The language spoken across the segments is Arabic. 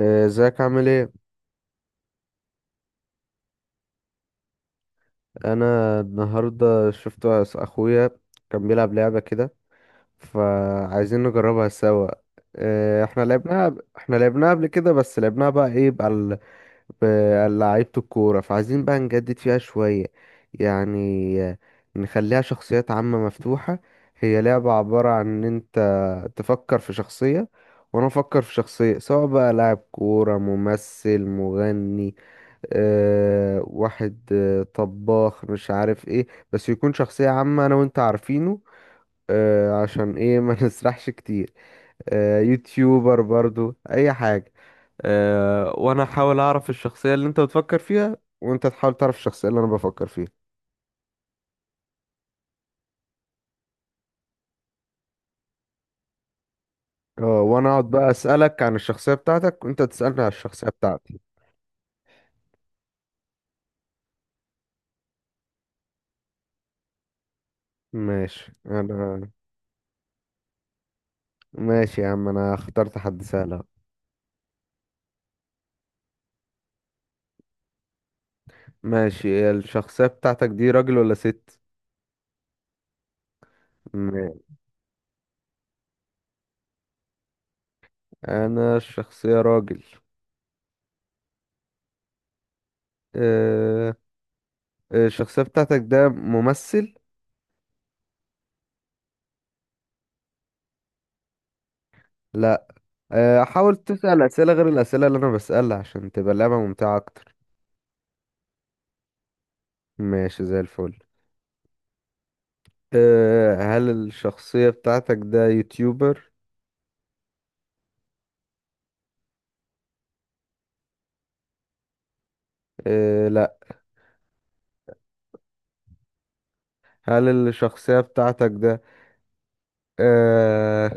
ازيك عامل ايه؟ انا النهارده شفت اخويا، كان بيلعب لعبه كده، فعايزين نجربها سوا. احنا لعبناها قبل كده، بس لعبناها بقى ايه بقى بلعيبه الكوره، فعايزين بقى نجدد فيها شويه يعني. آه، نخليها شخصيات عامه مفتوحه. هي لعبه عباره عن ان انت تفكر في شخصيه، وانا افكر في شخصيه، سواء بقى لاعب كوره، ممثل، مغني، واحد، طباخ، مش عارف ايه، بس يكون شخصية عامة انا وانت عارفينه. عشان ايه ما نسرحش كتير. يوتيوبر برضو، اي حاجة. وانا احاول اعرف الشخصية اللي انت بتفكر فيها، وانت تحاول تعرف الشخصية اللي انا بفكر فيها. اه وانا اقعد بقى اسألك عن الشخصية بتاعتك، وانت تسألني عن الشخصية بتاعتي. ماشي، انا. ماشي يا عم، انا اخترت حد سهل اهو. ماشي، الشخصية بتاعتك دي راجل ولا ست؟ ماشي. انا الشخصية راجل. آه، الشخصية بتاعتك ده ممثل؟ لا. حاول تسأل أسئلة غير الأسئلة اللي أنا بسألها، عشان تبقى اللعبة ممتعة أكتر. ماشي زي الفل. هل الشخصية بتاعتك ده يوتيوبر؟ لا. هل الشخصية بتاعتك ده آه،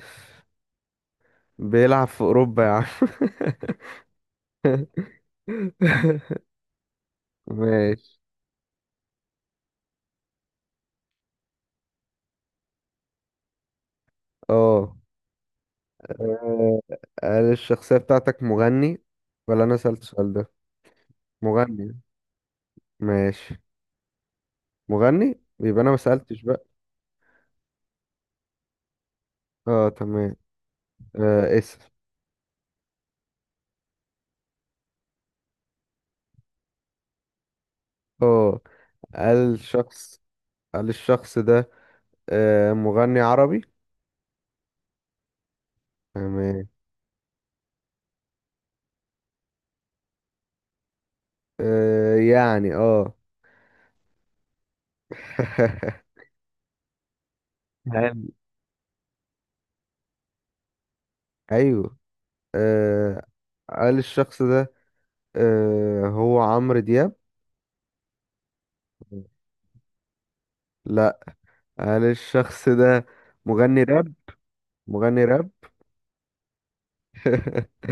بيلعب في أوروبا يا عم؟ ماشي. اه. آه، هل الشخصية بتاعتك مغني، ولا أنا سألت السؤال ده؟ مغني. ماشي. مغني؟ يبقى انا ما سألتش بقى. اه، تمام. اسم. اه هل الشخص هل الشخص ده مغني عربي؟ تمام. يعني اه. هل. ايوه. آه هل الشخص ده هو عمرو دياب؟ لا. هل الشخص ده مغني راب؟ مغني راب.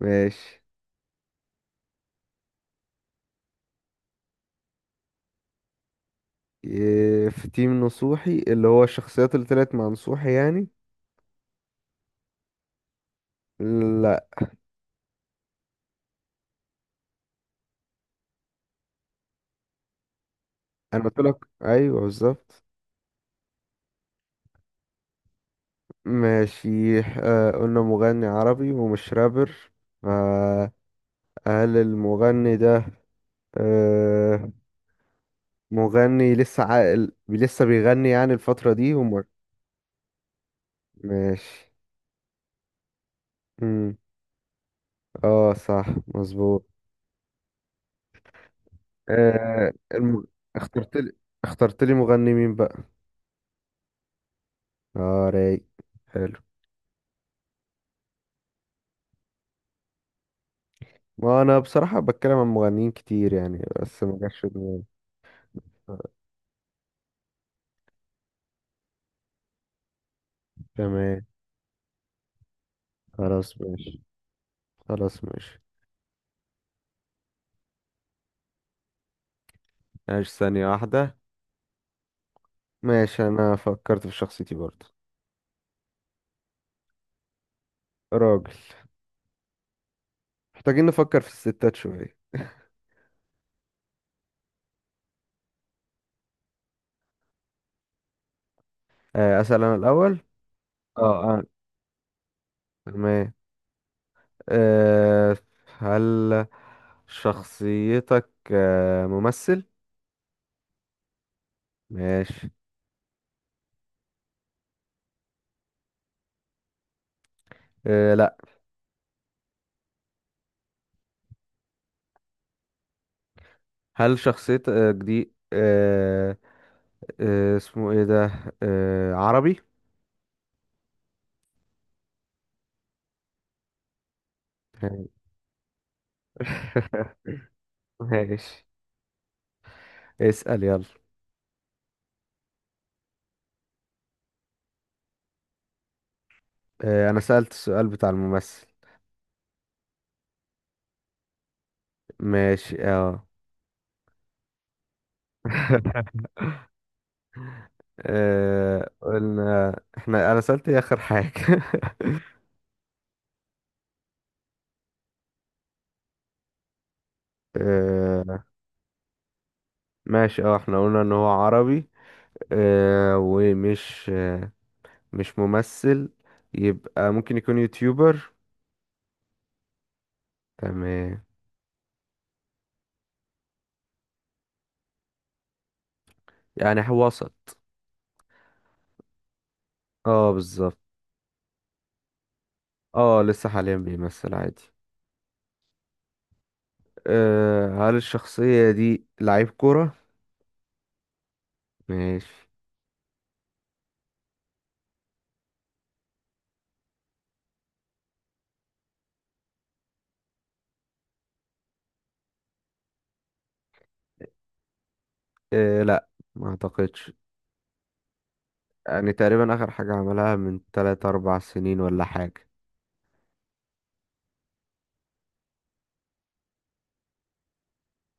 ماشي. إيه، في تيم نصوحي، اللي هو الشخصيات اللي طلعت مع نصوحي يعني. انا قلت لك ايوه بالظبط. ماشي. قلنا مغني عربي ومش رابر، فهل المغني ده آه مغني لسه عاقل، لسه بيغني يعني الفترة دي ومر؟ ماشي. مم. اه، صح. مظبوط. آه الم... اخترت لي اخترت لي مغني مين بقى؟ اه، رايق. حلو. ما انا بصراحة بتكلم عن مغنيين كتير يعني، بس ما جاش في دماغي. آه، تمام. خلاص ماشي. خلاص ماشي. ماشي، ثانية واحدة. ماشي، أنا فكرت في شخصيتي برضه. راجل. محتاجين نفكر في الستات شوية. أسأل أنا الأول. اه، أنا. تمام. آه، هل شخصيتك ممثل؟ ماشي. لأ. هل شخصيتك دي اسمه ايه ده عربي؟ حلو. ماشي. اسأل يلا. أنا سألت السؤال بتاع الممثل. ماشي، اه. قلنا احنا، انا سألت ايه اخر حاجة؟ آه، ماشي. اه، احنا قلنا ان هو عربي آه، ومش آه، مش ممثل، يبقى ممكن يكون يوتيوبر. تمام. يعني هو وسط. اه، بالظبط. اه، لسه حاليا بيمثل عادي. هل الشخصية دي لعيب كورة؟ ماشي. لا. ما اعتقدش. يعني تقريبا اخر حاجة عملها من 3 4 سنين ولا حاجة.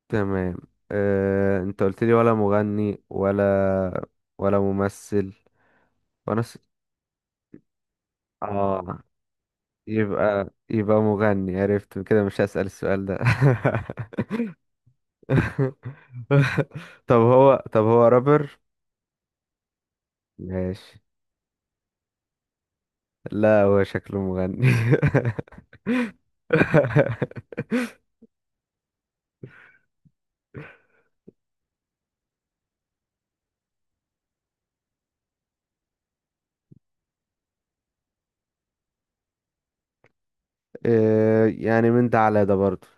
تمام. انت قلت لي ولا مغني ولا ممثل. وانا س... اه. يبقى مغني، عرفت كده، مش هسأل السؤال ده. طب هو رابر؟ ماشي. لا، هو شكله مغني. يعني من ده على ده برضه.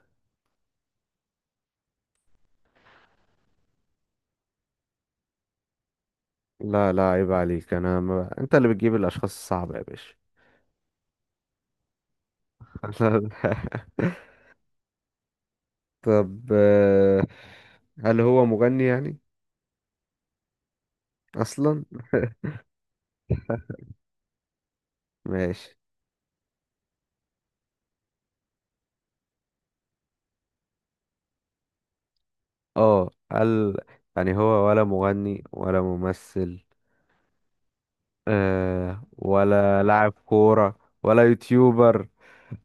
لا لا، عيب عليك. انا ما... انت اللي بتجيب الاشخاص الصعبة يا باشا. طب هل هو مغني يعني اصلا؟ ماشي. اه، قال. يعني هو ولا مغني ولا ممثل، ولا لاعب كورة ولا يوتيوبر.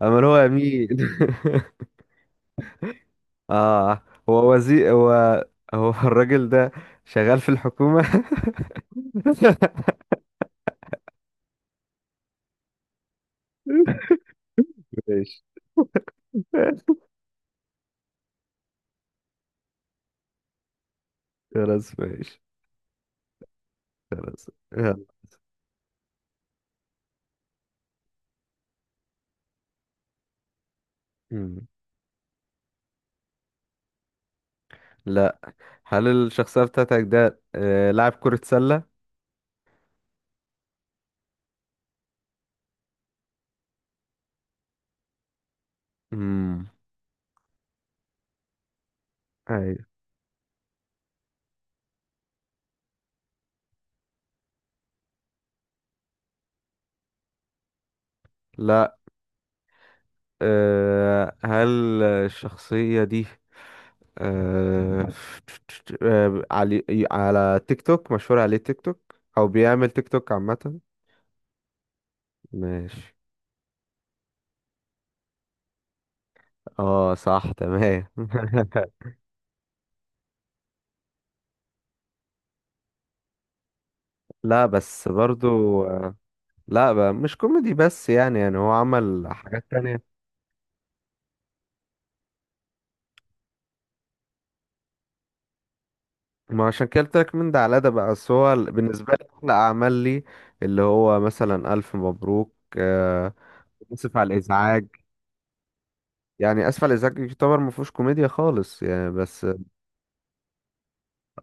امال هو مين؟ اه. هو وزير هو. هو الراجل ده شغال في الحكومة. ماشي. خلاص ماشي. خلاص. يلا. مم. لا. هل الشخصية بتاعتك ده لاعب كرة سلة؟ امم. ايوه. لاعب. هل الشخصية دي آه، على تيك توك، مشهور عليه تيك توك أو بيعمل تيك توك عامة. ماشي. اه، صح، تمام. لا بس برضو. لا بقى، مش كوميدي بس، يعني هو عمل حاجات تانية. ما عشان كده قلت لك من ده على ده بقى، بس هو بالنسبة لي أحلى أعمال لي اللي هو مثلا ألف مبروك. آسف على الإزعاج. يعني اسف على الازعاج يعتبر ما فيهوش كوميديا خالص يعني، بس.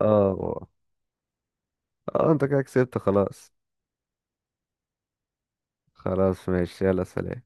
اه. اه، انت كده كسبت خلاص. خلاص ماشي. يلا سلام.